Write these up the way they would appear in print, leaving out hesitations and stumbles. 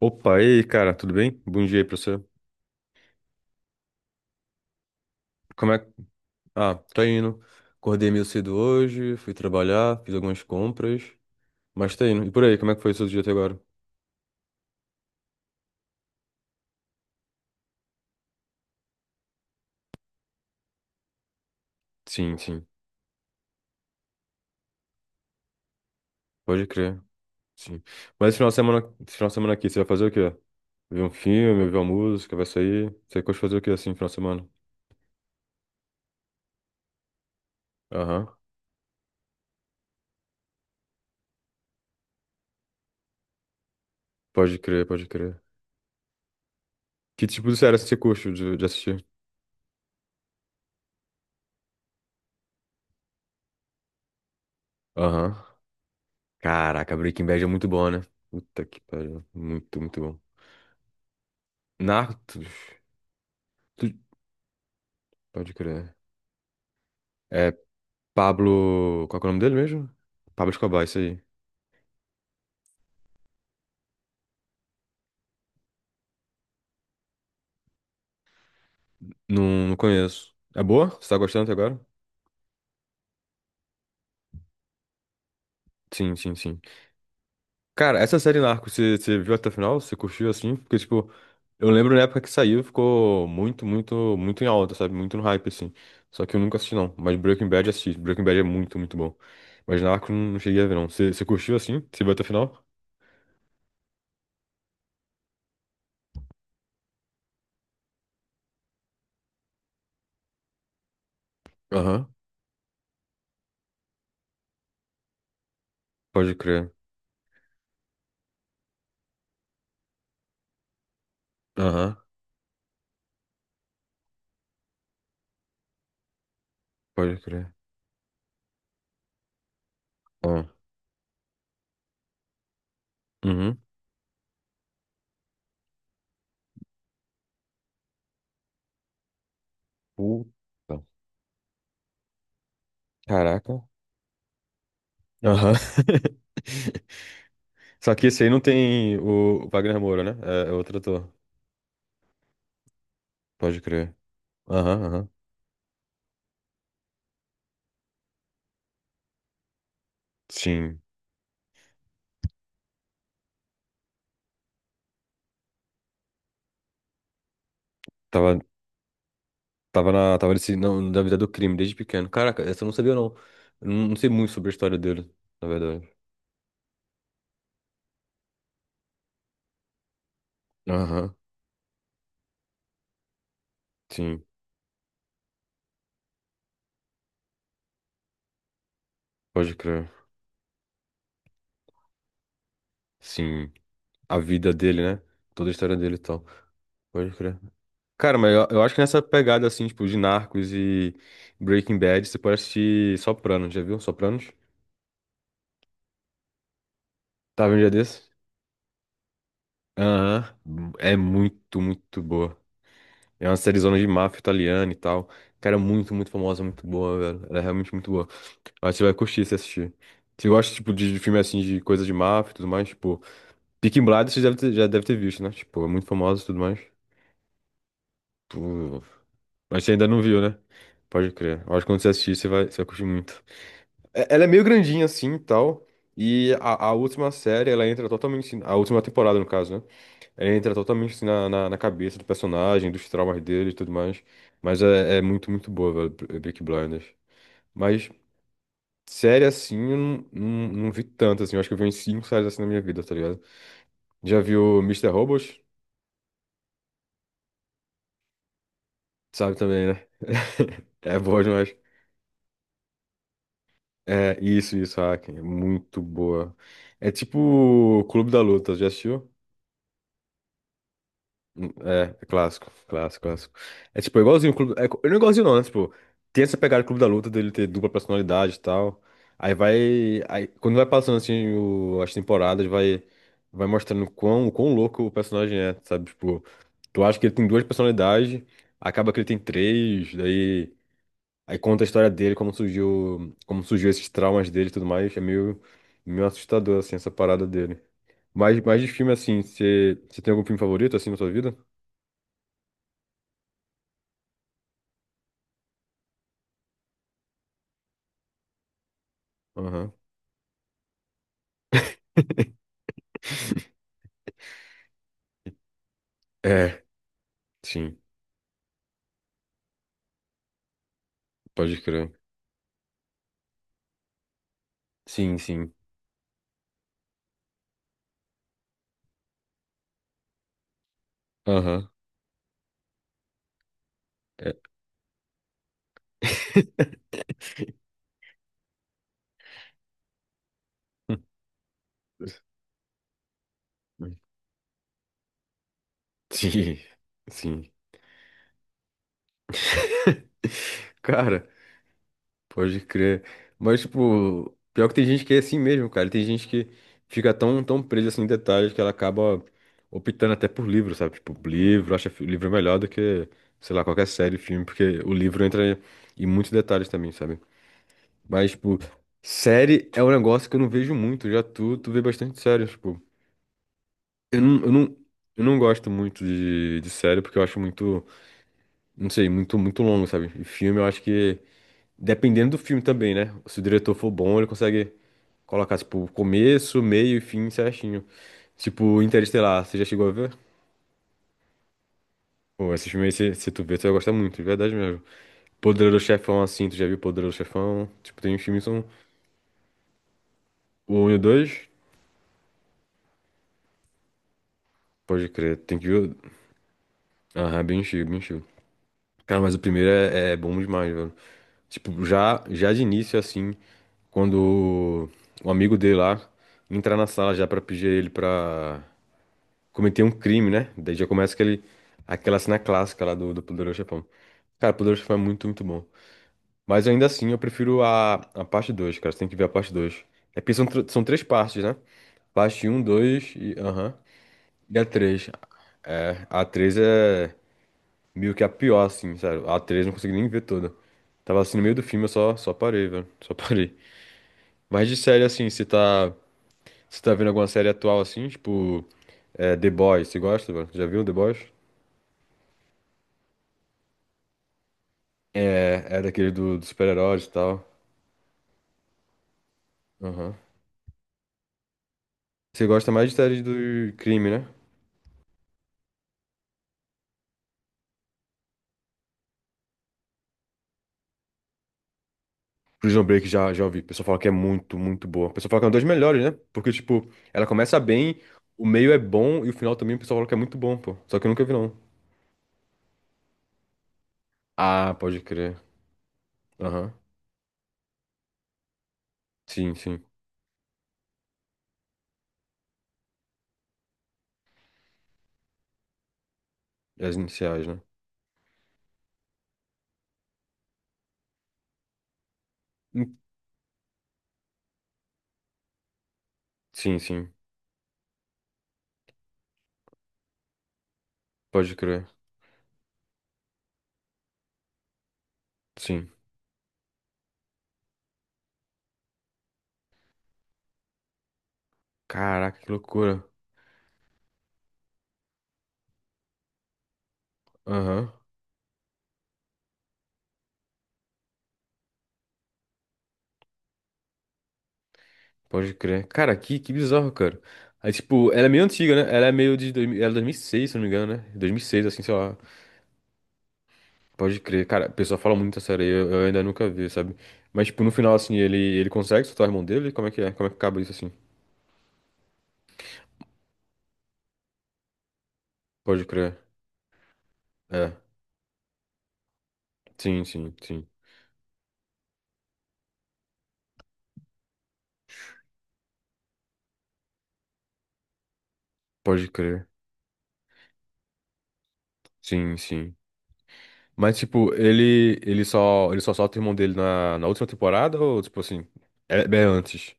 Opa, e aí, cara, tudo bem? Bom dia aí pra você. Como é que. Ah, tá indo. Acordei meio cedo hoje, fui trabalhar, fiz algumas compras, mas tá indo. E por aí, como é que foi o seu dia até agora? Sim, sim, pode crer, sim. Mas esse final de semana, esse final de semana aqui, você vai fazer o quê? Ver um filme, ouvir uma música, vai sair? Você curte fazer o quê assim, final de semana? Aham. Pode crer, pode crer. Que tipo de série você curte de assistir? Aham. Caraca, Breaking Bad é muito bom, né? Puta que pariu, muito, muito bom. Narcos? Tu- Pode crer. É Pablo. Qual que é o nome dele mesmo? Pablo Escobar, isso aí. Não, não conheço. É boa? Você tá gostando até agora? Sim, sim, sim. Cara, essa série Narcos, você viu até o final? Você curtiu assim? Porque, tipo, eu lembro na época que saiu, ficou muito, muito, muito em alta, sabe? Muito no hype, assim. Só que eu nunca assisti, não. Mas Breaking Bad assisti. Breaking Bad é muito, muito bom. Mas Narcos não cheguei a ver, não. Você curtiu assim? Você viu até o final? Aham. Pode crer. Aham. Pode crer. Ah. Uhum. Puta. Caraca. Aham. Só que esse aí não tem o Wagner Moura, né? É, é outro ator. Pode crer. Aham, aham. Sim. Tava, tava na, tava nesse, não, na vida do crime desde pequeno. Caraca, essa eu não sabia, não. Eu não, não sei muito sobre a história dele, na verdade. Aham. Sim. Pode crer. Sim. A vida dele, né? Toda a história dele e tal. Pode crer. Cara, mas eu acho que nessa pegada, assim, tipo, de Narcos e Breaking Bad, você pode assistir Sopranos, já viu? Sopranos? Tava um dia desse? Aham, é muito, muito boa. É uma sériezona de máfia italiana e tal. Cara, muito, muito famosa, muito boa, velho. Ela é realmente muito boa. Eu acho que você vai curtir se assistir. Você gosta, tipo, de filme assim, de coisa de máfia e tudo mais, tipo. Peaky Blinders você já deve ter visto, né? Tipo, é muito famosa e tudo mais. Tipo, mas você ainda não viu, né? Pode crer. Eu acho que quando você assistir, você vai curtir muito. Ela é meio grandinha assim e tal. E a última série, ela entra totalmente assim, a última temporada, no caso, né? Ele entra totalmente assim, na cabeça do personagem, dos traumas dele e tudo mais. Mas é, é muito, muito boa, velho, Peaky Blinders. Mas série assim, eu não vi tanto, assim. Eu acho que eu vi uns cinco séries assim na minha vida, tá ligado? Já viu Mister Robot? Sabe também, né? É boa demais. É, isso, Hack. É muito boa. É tipo Clube da Luta, já assistiu? É, é clássico, clássico, clássico. É tipo, é igualzinho o Clube. É, não é igualzinho, não, né? Tipo, tem essa pegada do Clube da Luta dele ter dupla personalidade e tal. Aí vai. Aí, quando vai passando assim as temporadas, vai, vai mostrando quão, quão louco o personagem é, sabe? Tipo, tu acha que ele tem duas personalidades, acaba que ele tem três, daí. Aí conta a história dele, como surgiu esses traumas dele e tudo mais. É meio, meio assustador, assim, essa parada dele. Mas de filme, assim, você tem algum filme favorito, assim, na sua vida? Aham. É, sim, pode crer. Sim, sim. Aham. É. Sim, sim. Cara, pode crer. Mas, tipo, pior que tem gente que é assim mesmo, cara. Tem gente que fica tão, tão presa assim em detalhes que ela acaba optando até por livro, sabe? Tipo, livro, livro é melhor do que, sei lá, qualquer série, filme, porque o livro entra em muitos detalhes também, sabe? Mas, tipo, série é um negócio que eu não vejo muito. Já tu, tu vê bastante série, tipo. Eu não, eu não, eu não gosto muito de série porque eu acho muito, não sei, muito, muito longo, sabe? E filme eu acho que, dependendo do filme também, né? Se o diretor for bom, ele consegue colocar, tipo, começo, meio e fim certinho. Tipo, Interestelar, você já chegou a ver? Pô, esse filme aí, se tu ver, tu vai gostar muito, de verdade mesmo. Poderoso Chefão, assim, tu já viu Poderoso Chefão? Tipo, tem uns filmes que são o um e o 2? Pode crer, tem que ver. Aham, bem cheio, bem cheio. Cara, mas o primeiro é, é bom demais, velho. Tipo, já de início, assim, quando o amigo dele lá entrar na sala já pra pedir ele pra cometer um crime, né? Daí já começa aquele, aquela cena clássica lá do, do Poderoso Chefão. Cara, o Poderoso Chefão é muito, muito bom. Mas ainda assim, eu prefiro a parte 2, cara. Você tem que ver a parte 2. É porque são, são três partes, né? Parte um, 2 e... Aham. E a 3. É, a 3 é meio que a pior, assim, sério. A 3 eu não consegui nem ver toda. Tava assim no meio do filme, eu só parei, velho. Só parei. Mas de série, assim, você tá. Você tá vendo alguma série atual, assim, tipo. É, The Boys, você gosta, velho? Já viu The Boys? É, é daquele do, dos super-heróis e tal. Aham. Você gosta mais de série do crime, né? Prison Break já ouvi. O pessoal fala que é muito, muito boa. O pessoal fala que é uma das melhores, né? Porque, tipo, ela começa bem, o meio é bom e o final também o pessoal fala que é muito bom, pô. Só que eu nunca vi, não. Ah, pode crer. Aham. Sim, sim. As iniciais, né? Hum, sim, sim. Pode crer. Sim. Caraca, que loucura. Aham. Pode crer. Cara, que bizarro, cara. Aí, tipo, ela é meio antiga, né? Ela é meio de... Ela é 2006, se não me engano, né? 2006, assim, sei lá. Pode crer. Cara, o pessoal fala muito essa série. Eu ainda nunca vi, sabe? Mas, tipo, no final, assim, ele consegue soltar o irmão dele? Como é que é? Como é que acaba isso, assim? Pode crer. É. Sim, sim, sim. Pode crer. Sim, sim. Mas, tipo, ele só solta o irmão dele na, na última temporada ou, tipo assim, é, é antes?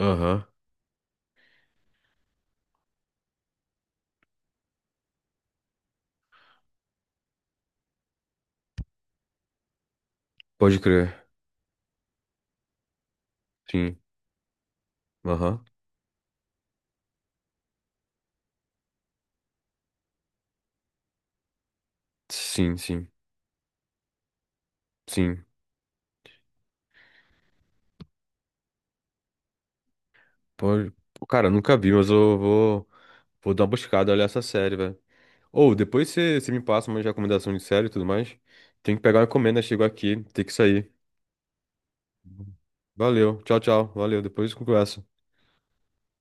Aham, pode crer. Sim, aham. Sim, sim, sim. Pode... Pô, cara, eu nunca vi, mas eu vou, vou dar uma buscada, olhar essa série, velho. Ou, depois você me passa uma recomendação de série e tudo mais. Tem que pegar uma encomenda, chegou aqui, tem que sair. Valeu, tchau, tchau. Valeu, depois conversa.